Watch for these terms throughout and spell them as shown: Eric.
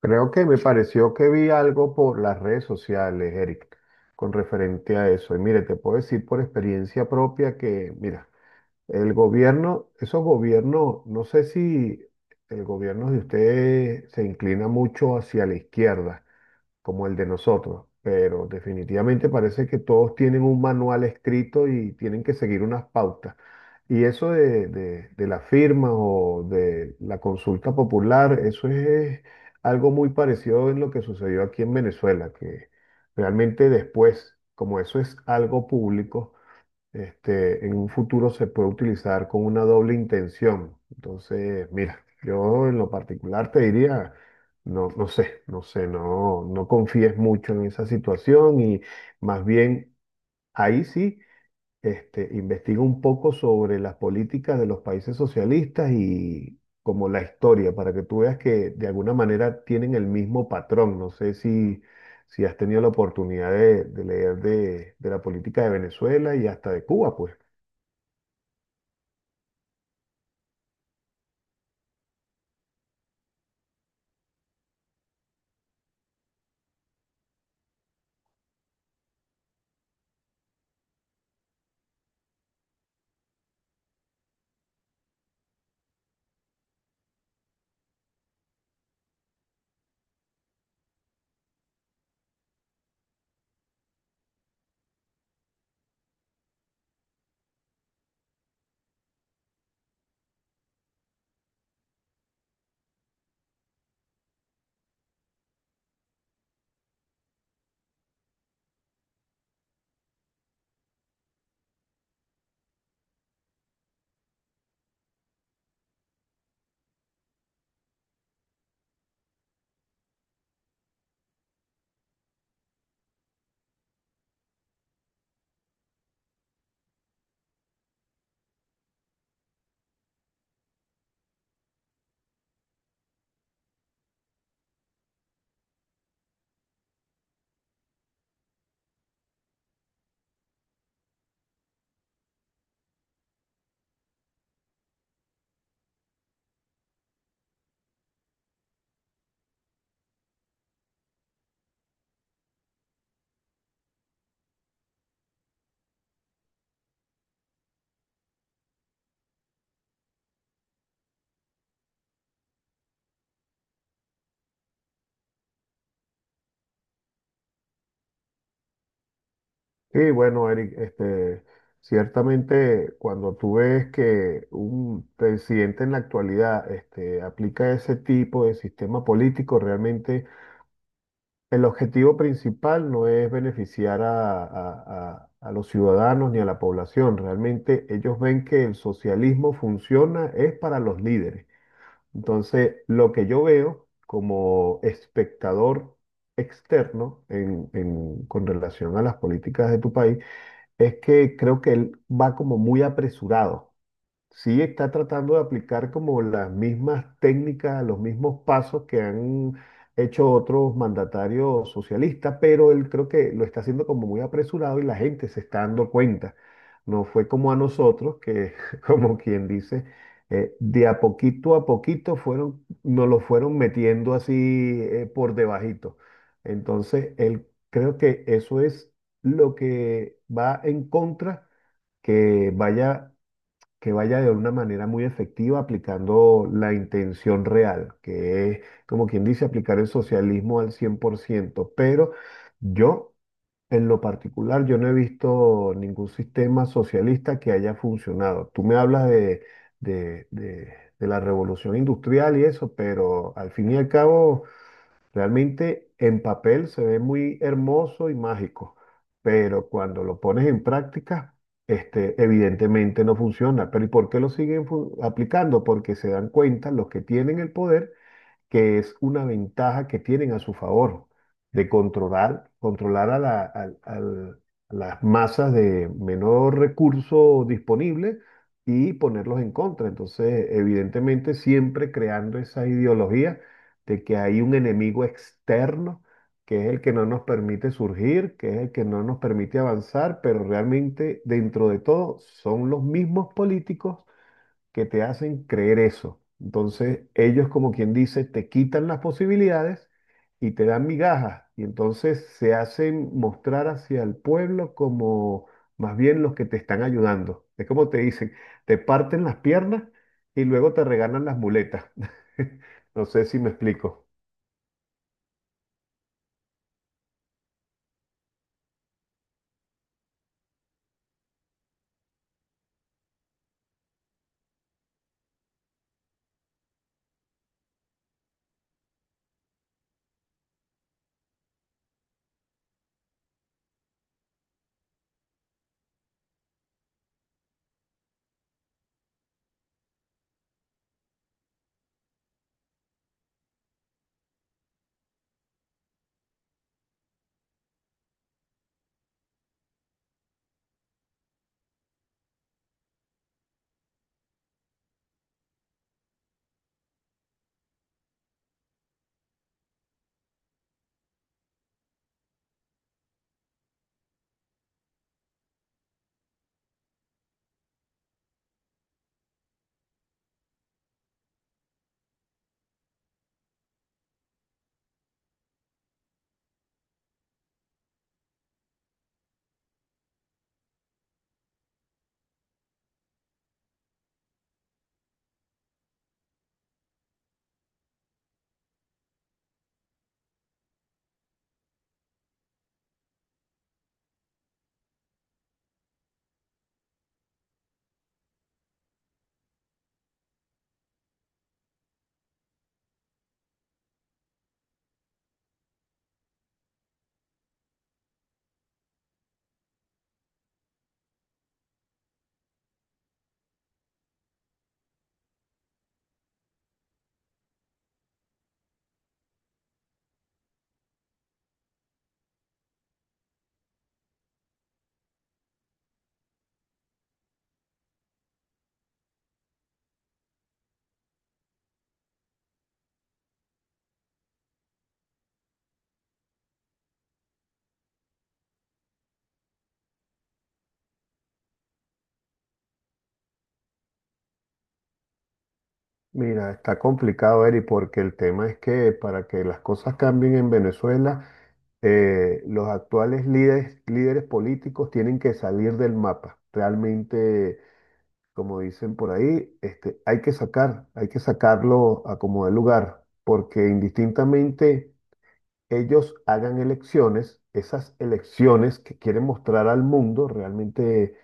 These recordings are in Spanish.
Creo que me pareció que vi algo por las redes sociales, Eric, con referente a eso. Y mire, te puedo decir por experiencia propia que, mira, el gobierno, esos gobiernos, no sé si el gobierno de ustedes se inclina mucho hacia la izquierda, como el de nosotros, pero definitivamente parece que todos tienen un manual escrito y tienen que seguir unas pautas. Y eso de la firma o de la consulta popular, eso es algo muy parecido en lo que sucedió aquí en Venezuela, que realmente después, como eso es algo público, este, en un futuro se puede utilizar con una doble intención. Entonces, mira, yo en lo particular te diría, no, no sé, no sé, no, no confíes mucho en esa situación y más bien ahí sí, este, investiga un poco sobre las políticas de los países socialistas y como la historia, para que tú veas que de alguna manera tienen el mismo patrón. No sé si... Si has tenido la oportunidad de leer de la política de Venezuela y hasta de Cuba, pues. Sí, bueno, Eric, este, ciertamente cuando tú ves que un presidente en la actualidad este, aplica ese tipo de sistema político, realmente el objetivo principal no es beneficiar a los ciudadanos ni a la población, realmente ellos ven que el socialismo funciona es para los líderes. Entonces, lo que yo veo como espectador externo con relación a las políticas de tu país, es que creo que él va como muy apresurado, sí está tratando de aplicar como las mismas técnicas, los mismos pasos que han hecho otros mandatarios socialistas, pero él creo que lo está haciendo como muy apresurado y la gente se está dando cuenta. No fue como a nosotros, que como quien dice, de a poquito fueron, nos lo fueron metiendo así por debajito. Entonces, él creo que eso es lo que va en contra que vaya que vaya de una manera muy efectiva aplicando la intención real, que es, como quien dice, aplicar el socialismo al 100%. Pero yo, en lo particular, yo no he visto ningún sistema socialista que haya funcionado. Tú me hablas de, de de la revolución industrial y eso, pero al fin y al cabo... Realmente en papel se ve muy hermoso y mágico, pero cuando lo pones en práctica, este, evidentemente no funciona. Pero ¿y por qué lo siguen aplicando? Porque se dan cuenta los que tienen el poder que es una ventaja que tienen a su favor de controlar, controlar a, la- al- al- a las masas de menor recurso disponible y ponerlos en contra. Entonces, evidentemente, siempre creando esa ideología de que hay un enemigo externo que es el que no nos permite surgir, que es el que no nos permite avanzar, pero realmente dentro de todo son los mismos políticos que te hacen creer eso. Entonces, ellos, como quien dice, te quitan las posibilidades y te dan migajas. Y entonces se hacen mostrar hacia el pueblo como más bien los que te están ayudando. Es como te dicen, te parten las piernas y luego te regalan las muletas. No sé si me explico. Mira, está complicado, Eri, porque el tema es que para que las cosas cambien en Venezuela, los actuales líderes, líderes políticos tienen que salir del mapa. Realmente, como dicen por ahí, este, hay que sacar, hay que sacarlo a como de lugar, porque indistintamente ellos hagan elecciones, esas elecciones que quieren mostrar al mundo realmente,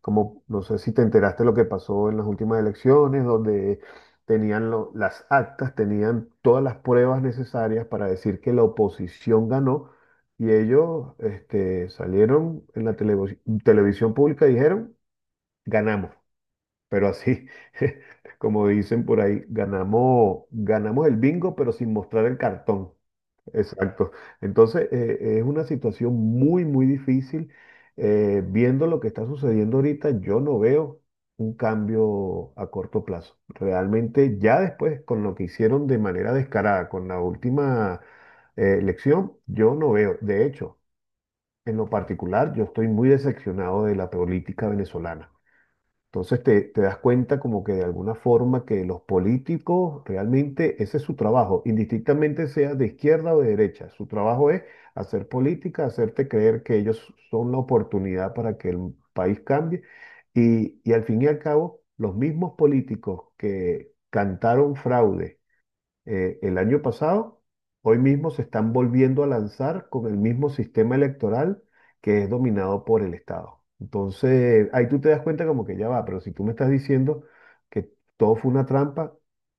como no sé si te enteraste lo que pasó en las últimas elecciones, donde tenían las actas, tenían todas las pruebas necesarias para decir que la oposición ganó y ellos este, salieron en la televisión pública y dijeron, ganamos, pero así, como dicen por ahí, ganamos, ganamos el bingo, pero sin mostrar el cartón. Exacto. Entonces, es una situación muy, muy difícil. Viendo lo que está sucediendo ahorita, yo no veo un cambio a corto plazo. Realmente, ya después, con lo que hicieron de manera descarada, con la última elección, yo no veo. De hecho, en lo particular, yo estoy muy decepcionado de la política venezolana. Entonces te das cuenta como que de alguna forma que los políticos realmente ese es su trabajo, indistintamente sea de izquierda o de derecha. Su trabajo es hacer política, hacerte creer que ellos son la oportunidad para que el país cambie. Y al fin y al cabo, los mismos políticos que cantaron fraude el año pasado, hoy mismo se están volviendo a lanzar con el mismo sistema electoral que es dominado por el Estado. Entonces, ahí tú te das cuenta como que ya va, pero si tú me estás diciendo que todo fue una trampa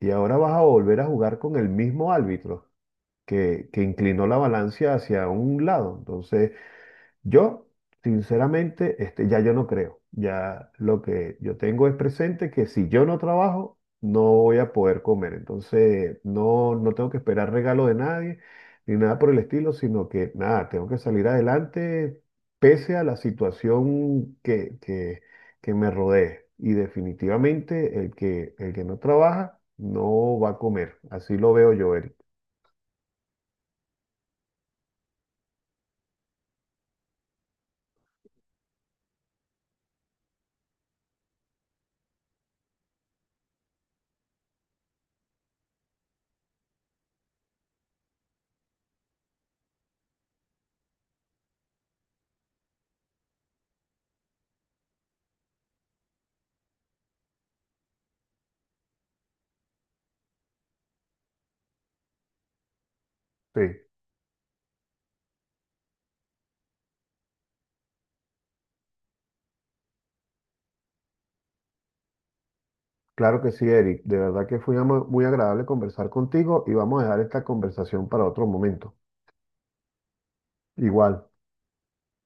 y ahora vas a volver a jugar con el mismo árbitro que inclinó la balanza hacia un lado, entonces yo, sinceramente, este, ya yo no creo. Ya lo que yo tengo es presente que si yo no trabajo, no voy a poder comer. Entonces, no, no tengo que esperar regalo de nadie ni nada por el estilo, sino que nada, tengo que salir adelante pese a la situación que me rodee. Y definitivamente el que no trabaja no va a comer. Así lo veo yo, Eric. Sí. Claro que sí, Eric. De verdad que fue muy agradable conversar contigo y vamos a dejar esta conversación para otro momento. Igual.